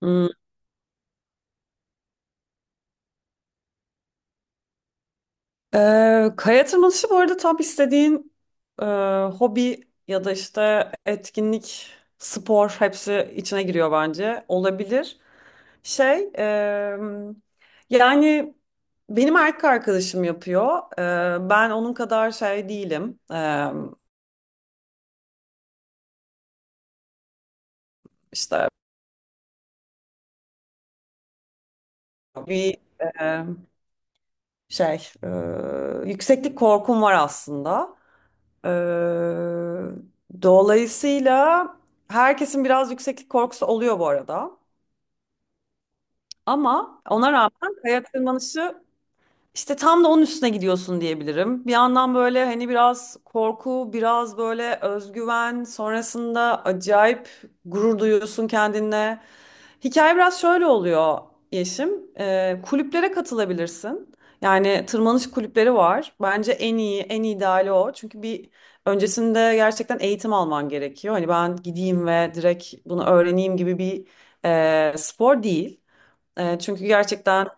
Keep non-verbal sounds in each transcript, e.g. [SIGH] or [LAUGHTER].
Hmm. Kaya tırmanışı bu arada tam istediğin e, hobi ya da işte etkinlik, spor hepsi içine giriyor bence. Olabilir. Şey, e, yani benim erkek arkadaşım yapıyor. Ben onun kadar şey değilim. E, işte bir e, şey, e, Yükseklik korkum var aslında. Ee, Dolayısıyla herkesin biraz yükseklik korkusu oluyor bu arada. Ama ona rağmen kaya tırmanışı işte tam da onun üstüne gidiyorsun diyebilirim. Bir yandan böyle hani biraz korku, biraz böyle özgüven, sonrasında acayip gurur duyuyorsun kendinle. Hikaye biraz şöyle oluyor Yeşim. Kulüplere katılabilirsin. Yani tırmanış kulüpleri var. Bence en iyi, en ideali o. Çünkü bir öncesinde gerçekten eğitim alman gerekiyor. Hani ben gideyim ve direkt bunu öğreneyim gibi bir spor değil. Çünkü gerçekten...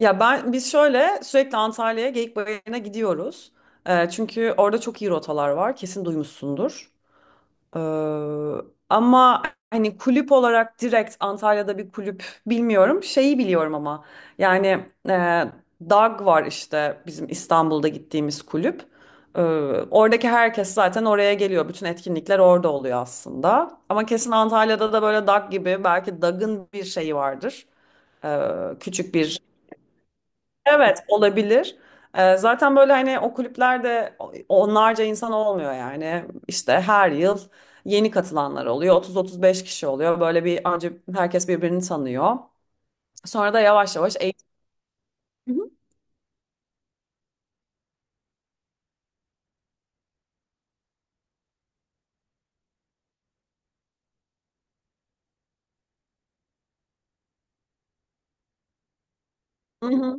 Ya biz şöyle sürekli Antalya'ya Geyik Bayırı'na gidiyoruz. Çünkü orada çok iyi rotalar var. Kesin duymuşsundur. Ee, ama hani kulüp olarak direkt Antalya'da bir kulüp bilmiyorum. Şeyi biliyorum ama yani e, DAG var işte bizim İstanbul'da gittiğimiz kulüp. Ee, Oradaki herkes zaten oraya geliyor. Bütün etkinlikler orada oluyor aslında. Ama kesin Antalya'da da böyle DAG gibi belki DAG'ın bir şeyi vardır. Ee, küçük bir Evet olabilir. Zaten böyle hani o kulüplerde onlarca insan olmuyor yani. İşte her yıl yeni katılanlar oluyor. 30-35 kişi oluyor. Böyle bir önce herkes birbirini tanıyor. Sonra da yavaş yavaş eğitim. Hı hı.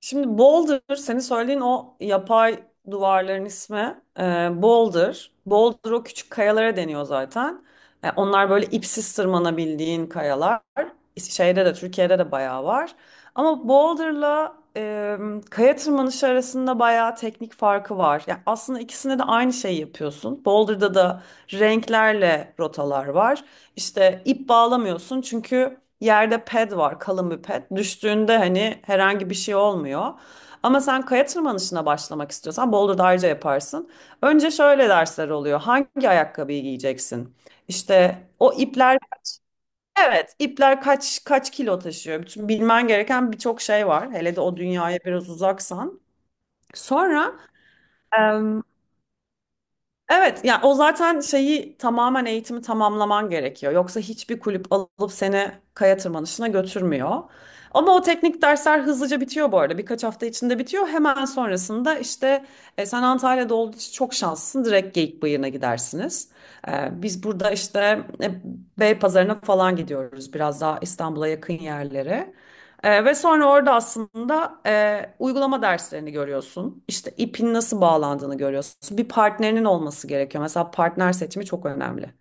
Şimdi Boulder, senin söylediğin o yapay duvarların ismi Boulder. Boulder o küçük kayalara deniyor zaten. Onlar böyle ipsiz tırmanabildiğin kayalar. Şeyde de Türkiye'de de bayağı var. Ama Boulder'la kaya tırmanışı arasında bayağı teknik farkı var. Yani aslında ikisinde de aynı şeyi yapıyorsun. Boulder'da da renklerle rotalar var. İşte ip bağlamıyorsun çünkü yerde ped var, kalın bir ped. Düştüğünde hani herhangi bir şey olmuyor. Ama sen kaya tırmanışına başlamak istiyorsan Boulder Dağarcığı yaparsın. Önce şöyle dersler oluyor. Hangi ayakkabıyı giyeceksin? İşte o ipler evet ipler kaç kilo taşıyor? Bütün bilmen gereken birçok şey var. Hele de o dünyaya biraz uzaksan. Sonra Evet, ya o zaten şeyi tamamen eğitimi tamamlaman gerekiyor. Yoksa hiçbir kulüp alıp seni kaya tırmanışına götürmüyor. Ama o teknik dersler hızlıca bitiyor bu arada. Birkaç hafta içinde bitiyor. Hemen sonrasında işte sen Antalya'da olduğu için çok şanslısın. Direkt Geyikbayırı'na gidersiniz. Biz burada işte e, Beypazarı'na falan gidiyoruz. Biraz daha İstanbul'a yakın yerlere. Ve sonra orada aslında uygulama derslerini görüyorsun. İşte ipin nasıl bağlandığını görüyorsun. Bir partnerinin olması gerekiyor. Mesela partner seçimi çok önemli.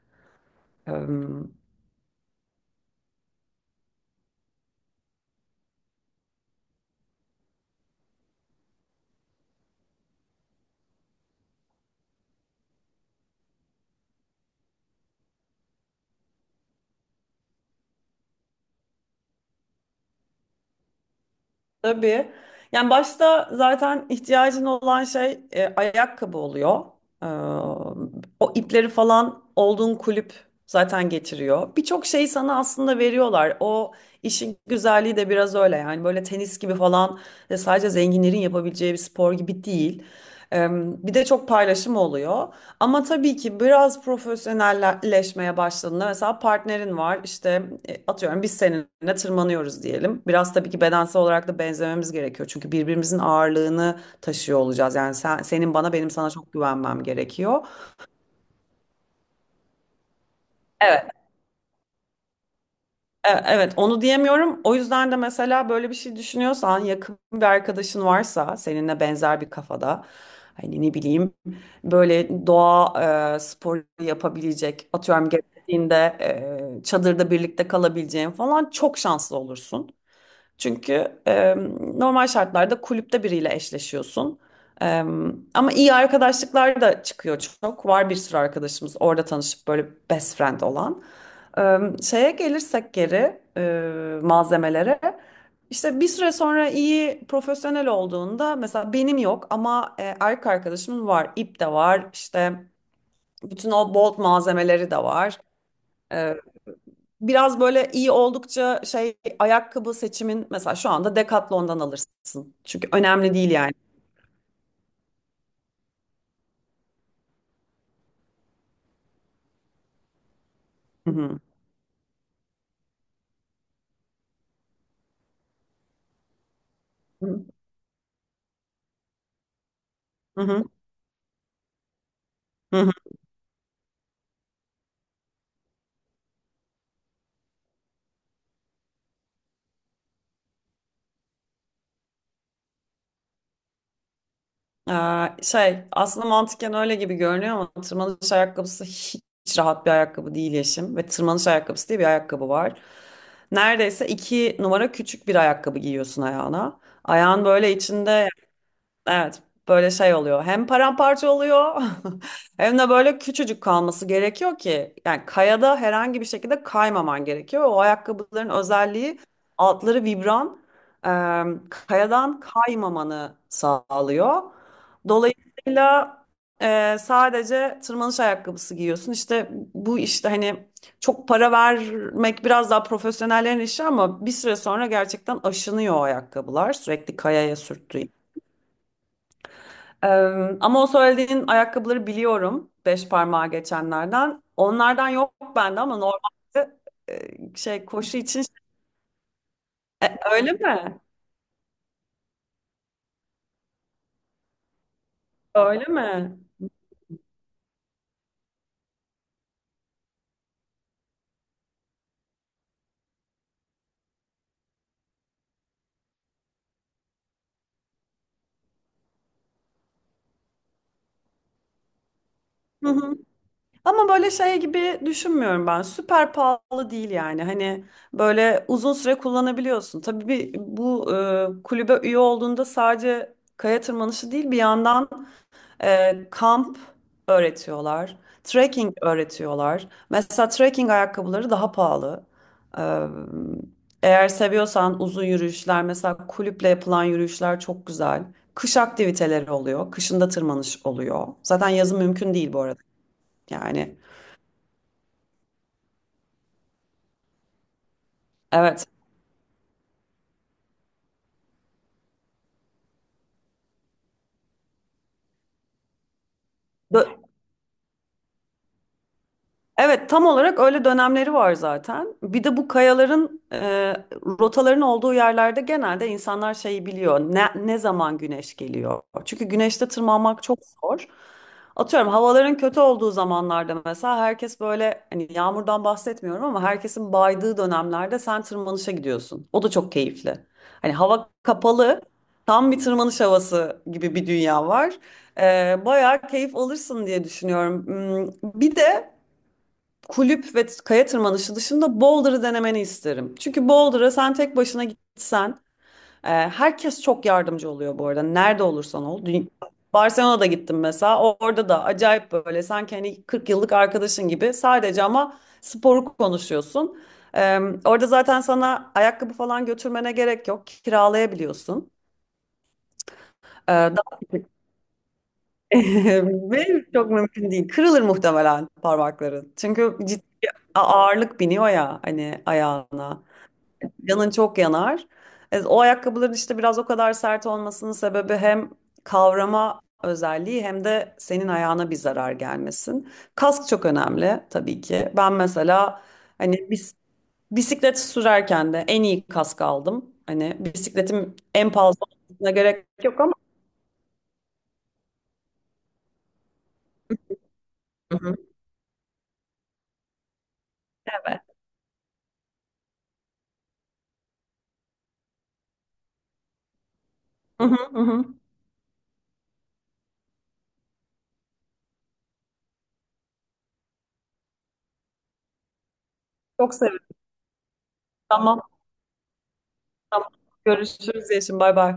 Tabii. Yani başta zaten ihtiyacın olan şey ayakkabı oluyor. Ee, O ipleri falan olduğun kulüp zaten getiriyor. Birçok şeyi sana aslında veriyorlar. O işin güzelliği de biraz öyle. Yani böyle tenis gibi falan sadece zenginlerin yapabileceği bir spor gibi değil. Ee, Bir de çok paylaşım oluyor. Ama tabii ki biraz profesyonelleşmeye başladığında mesela partnerin var işte atıyorum biz seninle tırmanıyoruz diyelim. Biraz tabii ki bedensel olarak da benzememiz gerekiyor. Çünkü birbirimizin ağırlığını taşıyor olacağız. Yani sen, senin bana benim sana çok güvenmem gerekiyor. Evet, onu diyemiyorum. O yüzden de mesela böyle bir şey düşünüyorsan, yakın bir arkadaşın varsa seninle benzer bir kafada, hani ne bileyim, böyle doğa sporu yapabilecek, atıyorum gerektiğinde çadırda birlikte kalabileceğin falan çok şanslı olursun. Çünkü normal şartlarda kulüpte biriyle eşleşiyorsun. E, Ama iyi arkadaşlıklar da çıkıyor çok. Var bir sürü arkadaşımız orada tanışıp böyle best friend olan. Şeye gelirsek geri malzemelere. İşte bir süre sonra iyi profesyonel olduğunda mesela benim yok ama erkek arkadaşımın var. İp de var işte bütün o bolt malzemeleri de var. Biraz böyle iyi oldukça şey ayakkabı seçimin mesela şu anda Decathlon'dan alırsın. Çünkü önemli değil yani. Hı hı. Hı hı. Hı hı. Şey aslında mantıken öyle gibi görünüyor ama tırmanış ayakkabısı hiç rahat bir ayakkabı değil Yeşim. Ve tırmanış ayakkabısı diye bir ayakkabı var. Neredeyse iki numara küçük bir ayakkabı giyiyorsun ayağına. Ayağın böyle içinde Evet, böyle şey oluyor. Hem paramparça oluyor [LAUGHS] hem de böyle küçücük kalması gerekiyor ki yani kayada herhangi bir şekilde kaymaman gerekiyor. O ayakkabıların özelliği altları kayadan kaymamanı sağlıyor. Dolayısıyla sadece tırmanış ayakkabısı giyiyorsun. İşte bu işte hani çok para vermek biraz daha profesyonellerin işi ama bir süre sonra gerçekten aşınıyor o ayakkabılar sürekli kayaya sürttüğü ee, ama o söylediğin ayakkabıları biliyorum. Beş parmağa geçenlerden. Onlardan yok bende ama normalde şey koşu için şey, öyle mi? Öyle mi? Hı hı. Ama böyle şey gibi düşünmüyorum ben. Süper pahalı değil yani. Hani böyle uzun süre kullanabiliyorsun. Tabii bir, bu kulübe üye olduğunda sadece kaya tırmanışı değil bir yandan kamp öğretiyorlar. Trekking öğretiyorlar. Mesela trekking ayakkabıları daha pahalı. Ee, Eğer seviyorsan uzun yürüyüşler, mesela kulüple yapılan yürüyüşler çok güzel. Kış aktiviteleri oluyor. Kışında tırmanış oluyor. Zaten yazın mümkün değil bu arada. Yani evet. Bö- Evet, tam olarak öyle dönemleri var zaten. Bir de bu kayaların rotaların olduğu yerlerde genelde insanlar şeyi biliyor. Ne zaman güneş geliyor? Çünkü güneşte tırmanmak çok zor. Atıyorum havaların kötü olduğu zamanlarda mesela herkes böyle hani yağmurdan bahsetmiyorum ama herkesin baydığı dönemlerde sen tırmanışa gidiyorsun. O da çok keyifli. Hani hava kapalı, tam bir tırmanış havası gibi bir dünya var. E, Bayağı keyif alırsın diye düşünüyorum. Hmm, bir de kulüp ve kaya tırmanışı dışında Boulder'ı denemeni isterim. Çünkü Boulder'a sen tek başına gitsen, herkes çok yardımcı oluyor bu arada. Nerede olursan ol. Barcelona'da gittim mesela. Orada da acayip böyle sanki hani 40 yıllık arkadaşın gibi sadece ama sporu konuşuyorsun. E, Orada zaten sana ayakkabı falan götürmene gerek yok. Kiralayabiliyorsun. E, daha- [LAUGHS] Ve çok mümkün değil. Kırılır muhtemelen parmakların. Çünkü ciddi ağırlık biniyor ya hani ayağına. Canın çok yanar. O ayakkabıların işte biraz o kadar sert olmasının sebebi hem kavrama özelliği hem de senin ayağına bir zarar gelmesin. Kask çok önemli tabii ki. Ben mesela hani bisiklet sürerken de en iyi kask aldım. Hani bisikletim en pahalı olmasına gerek yok ama Hı hı. Evet. Hı hı, hı hı. Çok sevindim. Tamam, tamam. Görüşürüz Yeşim. Bay bay.